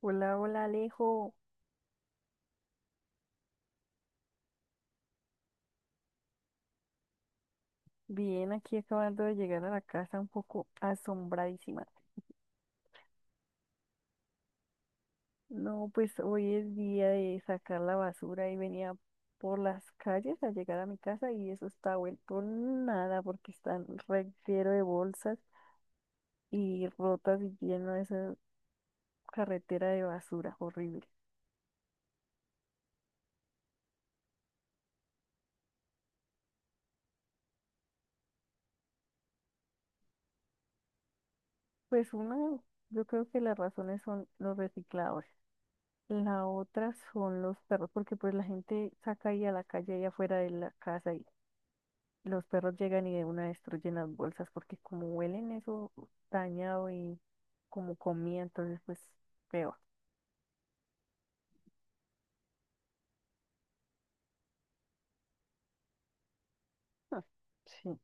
Hola, hola Alejo. Bien, aquí acabando de llegar a la casa un poco asombradísima. No, pues hoy es día de sacar la basura y venía por las calles a llegar a mi casa y eso está vuelto nada porque están reguero de bolsas y rotas y lleno de esa carretera de basura horrible. Pues yo creo que las razones son los recicladores. La otra son los perros, porque pues la gente saca ahí a la calle, ahí afuera de la casa. Los perros llegan y de una destruyen las bolsas porque como huelen eso dañado y como comida, entonces pues peor. Ah, sí.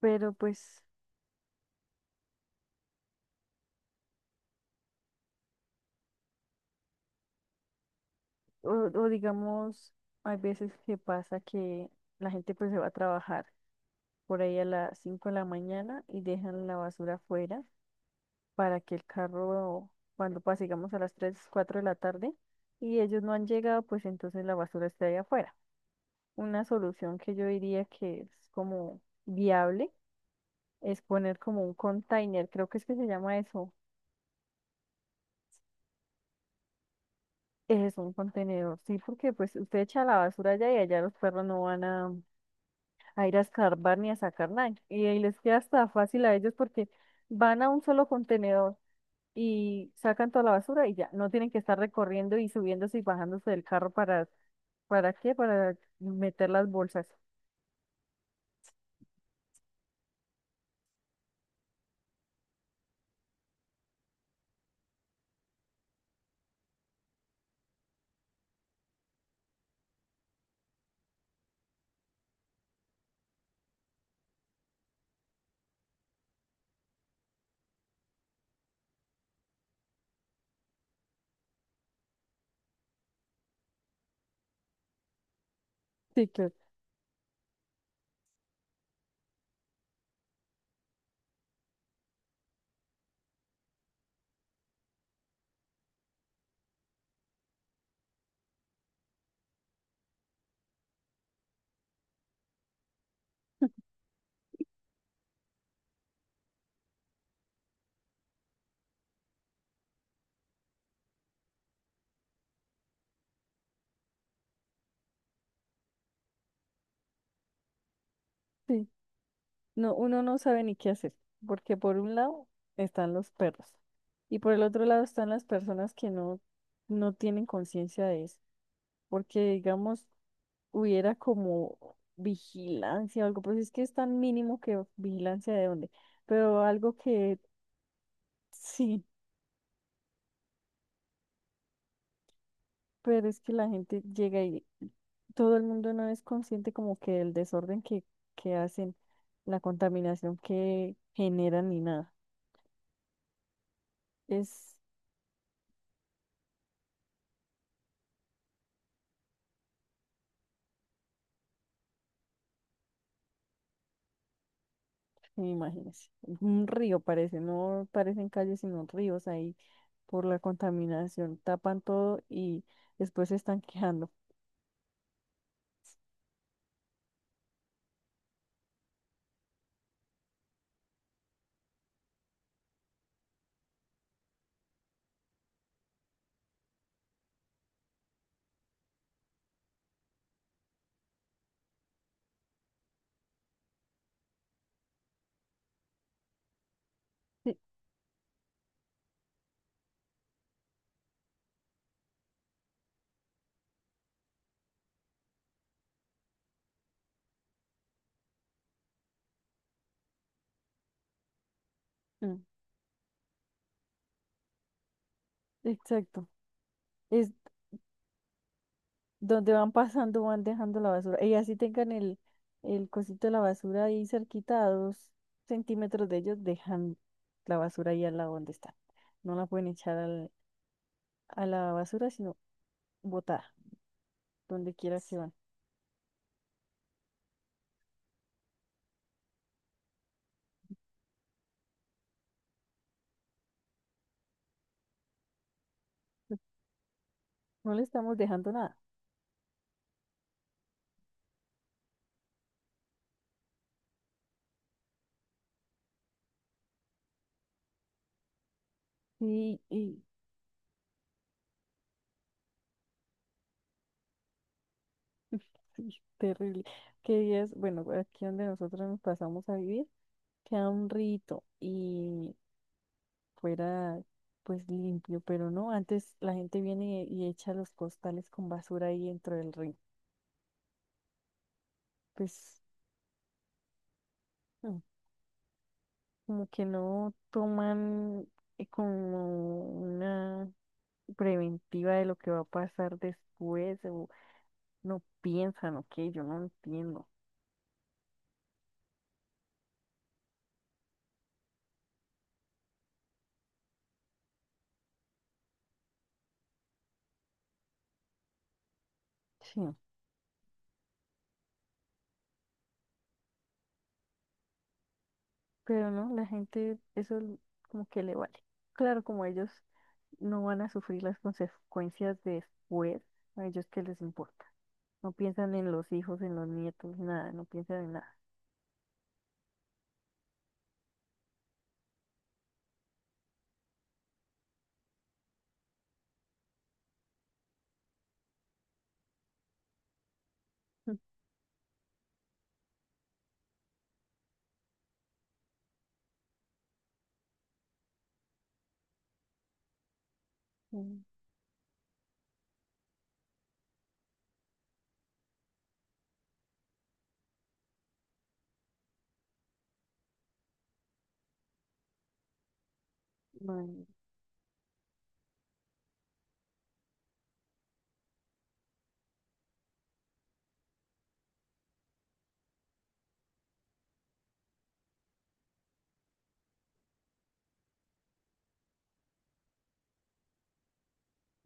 Pero pues, o digamos, hay veces que pasa que la gente pues se va a trabajar por ahí a las 5 de la mañana y dejan la basura afuera para que el carro, cuando pase, digamos, a las 3 4 de la tarde y ellos no han llegado, pues entonces la basura está ahí afuera. Una solución que yo diría que es como viable es poner como un container, creo que es que se llama eso. Es un contenedor, sí, porque pues usted echa la basura allá y allá los perros no van a ir a escarbar ni a sacar nada. Y ahí les queda hasta fácil a ellos porque van a un solo contenedor y sacan toda la basura y ya, no tienen que estar recorriendo y subiéndose y bajándose del carro ¿para qué? Para meter las bolsas. Sí, claro. Sí, no, uno no sabe ni qué hacer, porque por un lado están los perros y por el otro lado están las personas que no, no tienen conciencia de eso, porque digamos, hubiera como vigilancia o algo, pero es que es tan mínimo que vigilancia de dónde, pero algo que sí, pero es que la gente llega y todo el mundo no es consciente como que el desorden que hacen, la contaminación que generan ni nada. Es, imagínense, un río parece, no parecen calles sino ríos ahí por la contaminación, tapan todo y después se están quejando. Sí, mm, exacto. Es donde van pasando van dejando la basura. Y así tengan el cosito de la basura ahí cerquita a 2 centímetros de ellos, dejan la basura ahí al lado donde están. No la pueden echar a la basura, sino botada, donde quiera que van. No le estamos dejando nada. Y sí, terrible. Que días, bueno, aquí donde nosotros nos pasamos a vivir, queda un rito y fuera pues limpio, pero no, antes la gente viene y echa los costales con basura ahí dentro del río. Pues mm, como que no toman como una preventiva de lo que va a pasar después, o no piensan, o qué, yo no entiendo. Sí, pero no, la gente eso como que le vale. Claro, como ellos no van a sufrir las consecuencias de después, a ellos qué les importa. No piensan en los hijos, en los nietos, nada, no piensan en nada. Ujú. Man,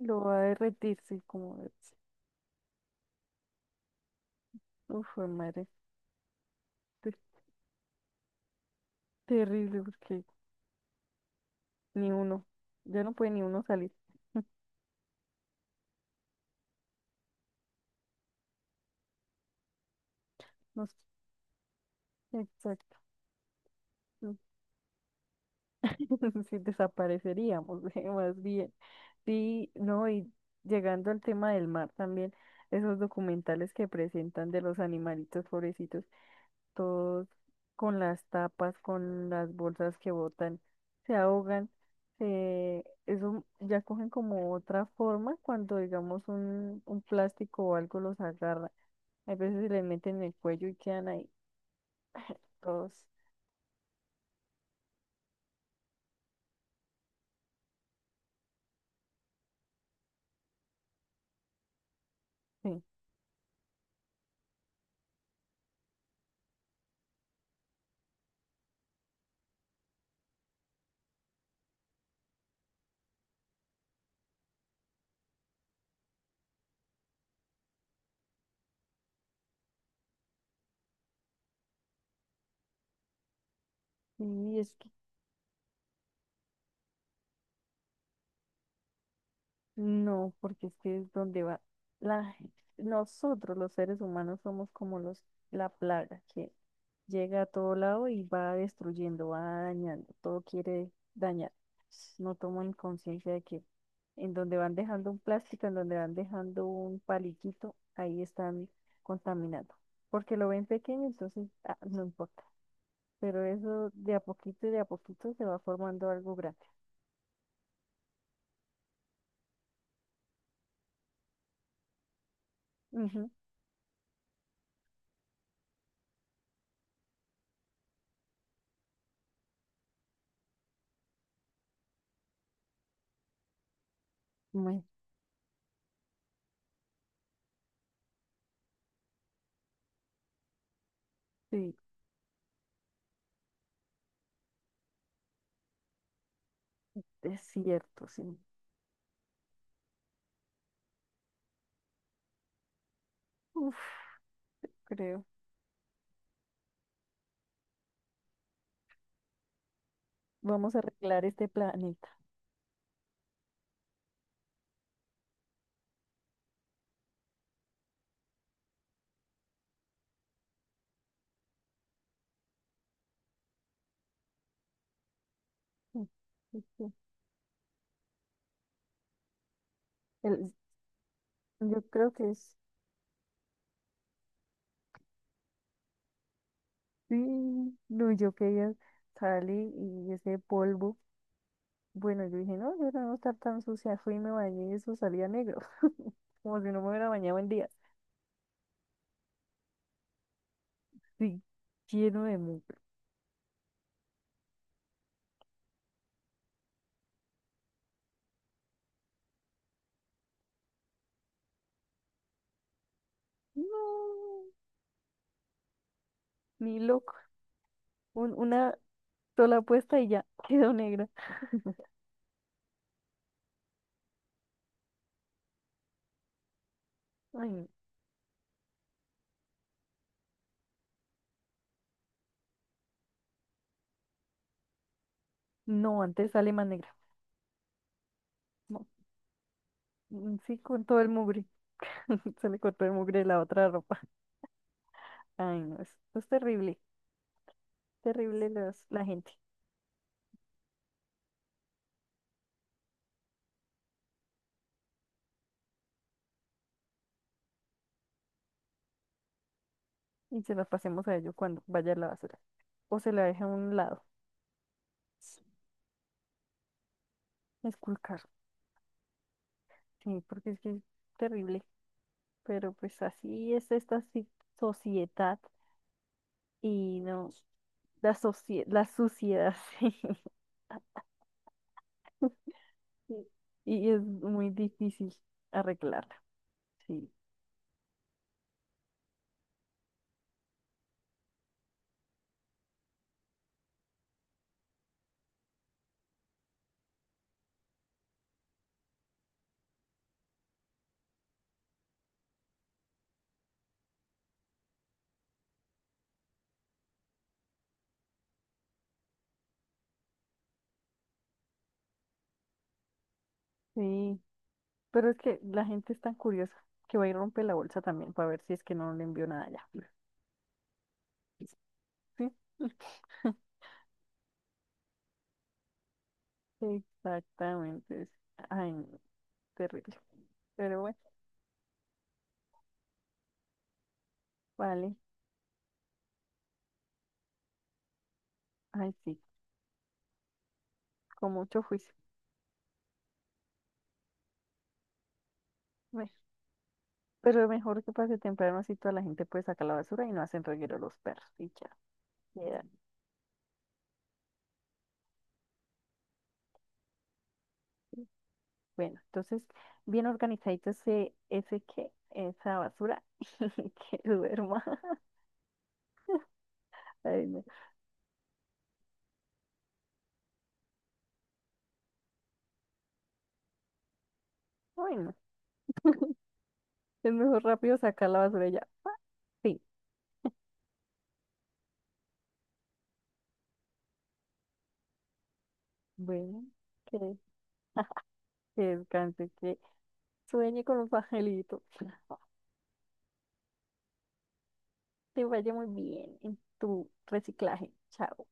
lo va a derretirse, como es. Uf, fue madre, te- terrible, porque ni uno, ya no puede ni uno salir. No sé, exacto. Si desapareceríamos, más bien. Sí, no, y llegando al tema del mar también, esos documentales que presentan de los animalitos pobrecitos, todos con las tapas, con las bolsas que botan, se ahogan, se, eso ya cogen como otra forma cuando digamos un plástico o algo los agarra. Hay veces se les meten en el cuello y quedan ahí. Todos. Sí, y es no, porque es que es donde va la, nosotros los seres humanos somos como la plaga que llega a todo lado y va destruyendo, va dañando, todo quiere dañar. No toman conciencia de que en donde van dejando un plástico, en donde van dejando un paliquito, ahí están contaminando. Porque lo ven pequeño, entonces ah, no importa. Pero eso de a poquito y de a poquito se va formando algo grande. Ujú. Bueno, sí, es cierto, sí. Uf, creo. Vamos a arreglar este planeta. Mm, ok. El- yo creo que es, sí. No, yo quería salir y ese polvo. Bueno, yo dije, no, yo no voy a estar tan sucia. Fui y me bañé y eso salía negro. Como si no me hubiera bañado en días. Sí, lleno de mugre. No, ni loco. Una sola puesta y ya quedó negra. Ay, no, no, antes sale más negra. No, mm, sí, con todo el mugre. Sale con todo el mugre de la otra ropa. Ay, no, es terrible, terrible las, la gente. Y se las pasemos a ellos cuando vaya a la basura. O se la deja a un lado, esculcar. Sí, porque es que es terrible. Pero pues así es esta sociedad y no, la suciedad, sí. Sí. Y es muy difícil arreglarla. Sí, sí. Pero es que la gente es tan curiosa que va y rompe la bolsa también para ver si es que no le envió nada ya. Sí. Exactamente. Ay, no, terrible. Pero bueno, vale. Ay, sí, con mucho juicio. Bueno, pero mejor que pase temprano, así toda la gente puede sacar la basura y no hacen reguero los perros y ya. Queda. Bueno, entonces, bien organizadito esa basura que duerma. Ay, no. Bueno, es mejor rápido sacar la basura y ya. ¡Pa! Sí, bueno, que, que descanse, que sueñe con los angelitos. Te vaya muy bien en tu reciclaje. Chao.